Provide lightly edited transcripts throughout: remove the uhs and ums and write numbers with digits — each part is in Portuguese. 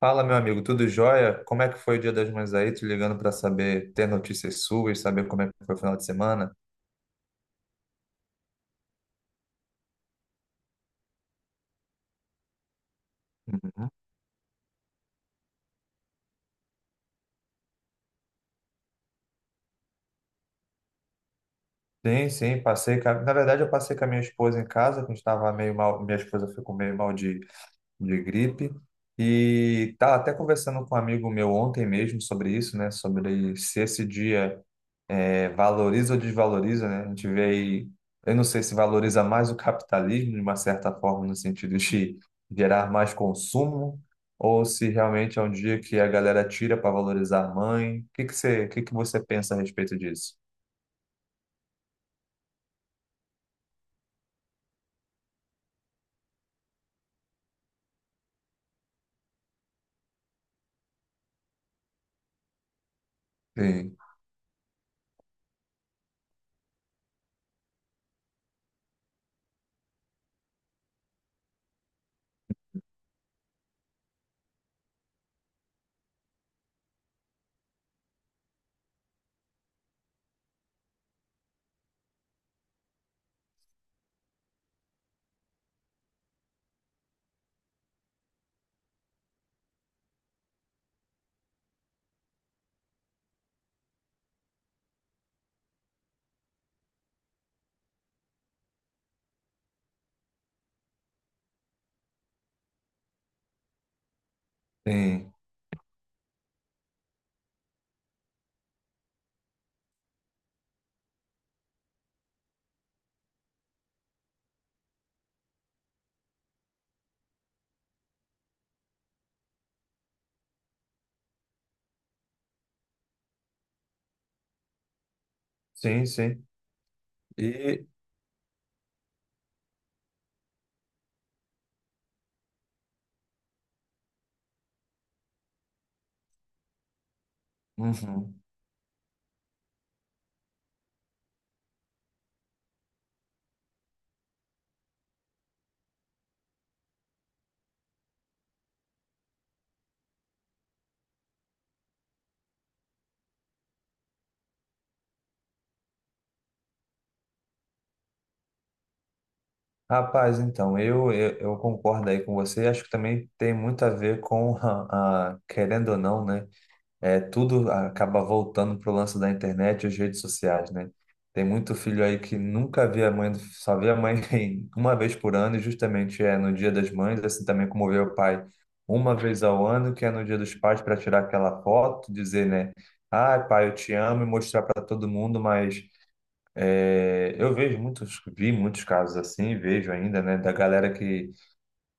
Fala, meu amigo, tudo jóia? Como é que foi o Dia das Mães aí? Te ligando para saber, ter notícias suas, saber como é que foi o final de semana? Uhum. Sim, sim, passei. Na verdade, eu passei com a minha esposa em casa, que a gente estava meio mal. Minha esposa ficou meio mal de gripe. E tá. Até conversando com um amigo meu ontem mesmo sobre isso, né? Sobre se esse dia valoriza ou desvaloriza, né? A gente vê aí, eu não sei se valoriza mais o capitalismo, de uma certa forma, no sentido de gerar mais consumo, ou se realmente é um dia que a galera tira para valorizar a mãe. O que que você pensa a respeito disso? Sim, sim, sim, sim. E, uhum. Rapaz, então, eu concordo aí com você. Acho que também tem muito a ver querendo ou não, né? Tudo acaba voltando pro lance da internet e as redes sociais, né? Tem muito filho aí que nunca vê a mãe, só vê a mãe uma vez por ano, e justamente é no Dia das Mães, assim também como vê o pai uma vez ao ano, que é no Dia dos Pais, para tirar aquela foto, dizer, né? Ah, pai, eu te amo e mostrar para todo mundo, mas eu vejo muitos, vi muitos casos assim, vejo ainda, né? Da galera que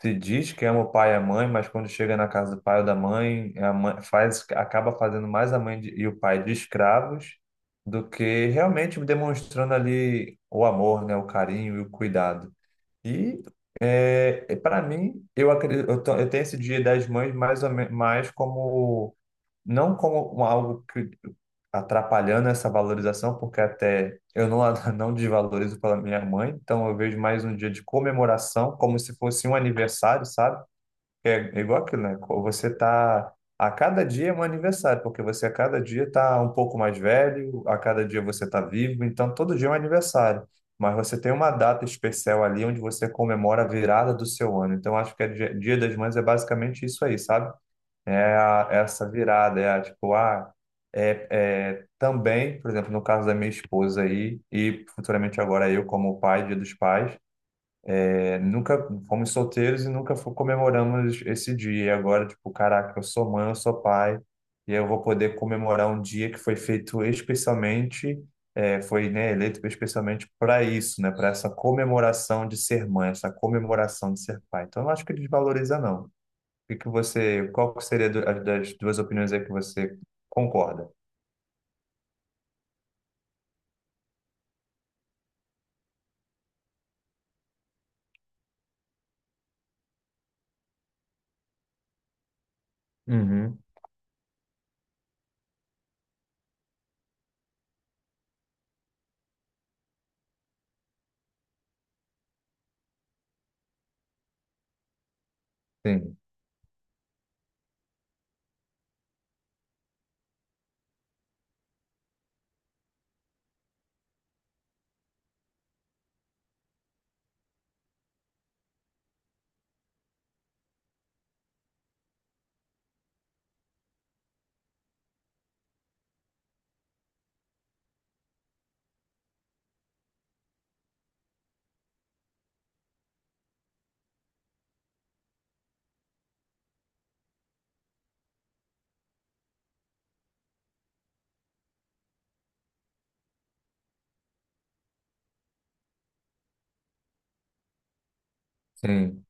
se diz que ama o pai e a mãe, mas quando chega na casa do pai ou da mãe, a mãe faz, acaba fazendo mais a mãe e o pai de escravos do que realmente demonstrando ali o amor, né, o carinho e o cuidado. E para mim, acredito, eu tenho esse Dia das Mães mais como não como algo que atrapalhando essa valorização, porque até eu não, a- não desvalorizo pela minha mãe, então eu vejo mais um dia de comemoração, como se fosse um aniversário, sabe? É igual aquilo, né? Você tá a cada dia é um aniversário, porque você a cada dia tá um pouco mais velho, a cada dia você tá vivo, então todo dia é um aniversário. Mas você tem uma data especial ali onde você comemora a virada do seu ano. Então, acho que a Dia das Mães é basicamente isso aí, sabe? Essa virada, tipo, ah, é também, por exemplo, no caso da minha esposa aí, e futuramente agora eu como pai, Dia dos Pais, nunca fomos solteiros e nunca comemoramos esse dia. E agora, tipo, caraca, eu sou mãe, eu sou pai, e eu vou poder comemorar um dia que foi feito especialmente, foi, né, eleito especialmente para isso, né, para essa comemoração de ser mãe, essa comemoração de ser pai. Então, eu não acho que desvaloriza, não. Qual que seria das duas opiniões aí que você concorda? Uhum. Sim, sim,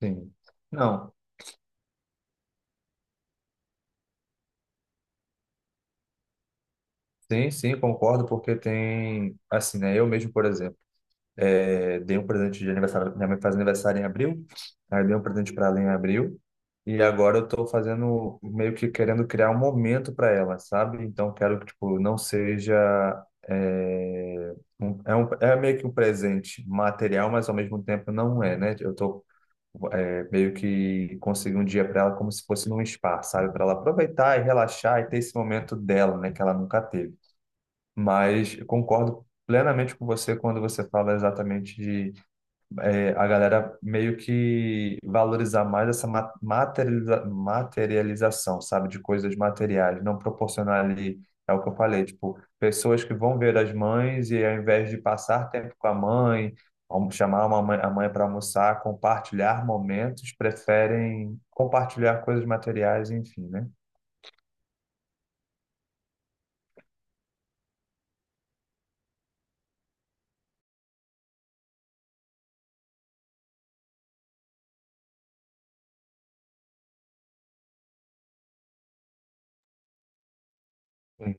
sim. Não, sim, sim, concordo, porque tem, assim, né? Eu mesmo, por exemplo, dei um presente de aniversário, minha mãe faz aniversário em abril, aí eu dei um presente para ela em abril, e agora eu tô fazendo, meio que querendo criar um momento para ela, sabe? Então, quero que, tipo, não seja. É meio que um presente material, mas ao mesmo tempo não é, né? Eu tô meio que conseguir um dia para ela como se fosse num spa, sabe? Para ela aproveitar e relaxar e ter esse momento dela, né, que ela nunca teve. Mas eu concordo plenamente com você quando você fala exatamente a galera meio que valorizar mais essa materialização, sabe, de coisas materiais, não proporcionar ali, é o que eu falei, tipo, pessoas que vão ver as mães e ao invés de passar tempo com a mãe, chamar uma mãe, a mãe para almoçar, compartilhar momentos, preferem compartilhar coisas materiais, enfim, né? Sim.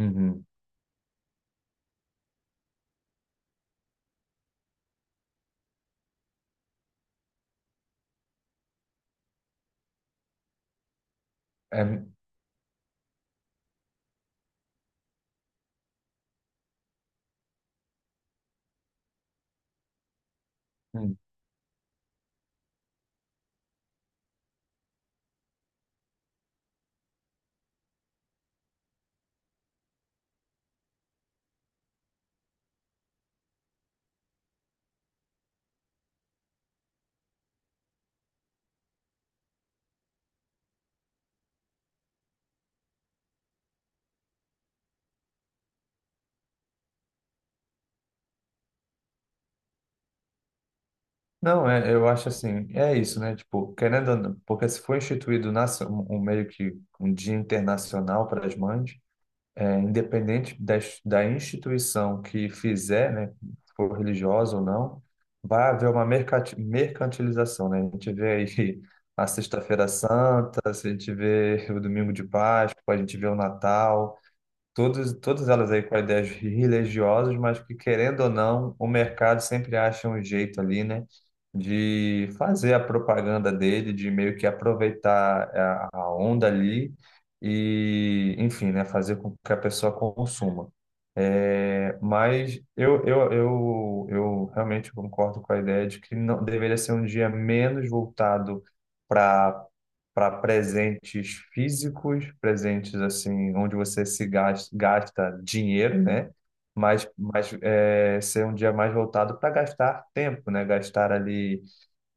Uhum. É, uhum. Não, eu acho assim, é isso, né? Tipo, querendo ou não, porque se foi instituído um meio que um dia internacional para as mães, independente da instituição que fizer, né, se for religiosa ou não, vai haver uma mercantilização, né? A gente vê aí a Sexta-feira Santa, a gente vê o Domingo de Páscoa, a gente vê o Natal. Todas elas aí com ideias religiosas, mas que, querendo ou não, o mercado sempre acha um jeito ali, né, de fazer a propaganda dele, de meio que aproveitar a onda ali e, enfim, né, fazer com que a pessoa consuma. Mas eu realmente concordo com a ideia de que não deveria ser um dia menos voltado para para presentes físicos, presentes assim, onde você se gasta, gasta dinheiro, né? Ser um dia mais voltado para gastar tempo, né? Gastar ali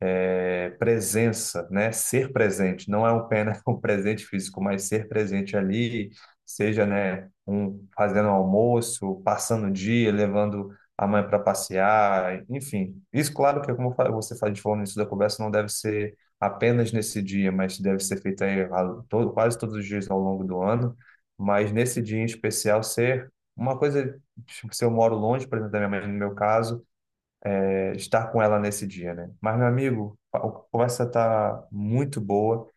presença, né? Ser presente, não é um pena um presente físico, mas ser presente ali, seja, né, um fazendo almoço, passando o dia, levando a mãe para passear, enfim. Isso, claro que como eu falei- você faz de forma início da conversa, não deve ser apenas nesse dia, mas deve ser feito aí todo, quase todos os dias ao longo do ano, mas nesse dia em especial ser uma coisa, tipo, se eu moro longe, por exemplo, da minha mãe, no meu caso, estar com ela nesse dia, né? Mas, meu amigo, a conversa tá muito boa.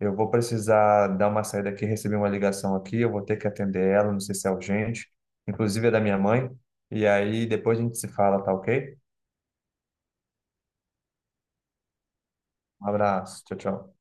Eu vou precisar dar uma saída aqui, receber uma ligação aqui, eu vou ter que atender ela, não sei se é urgente, inclusive é da minha mãe. E aí depois a gente se fala, tá ok? Um abraço, tchau, tchau.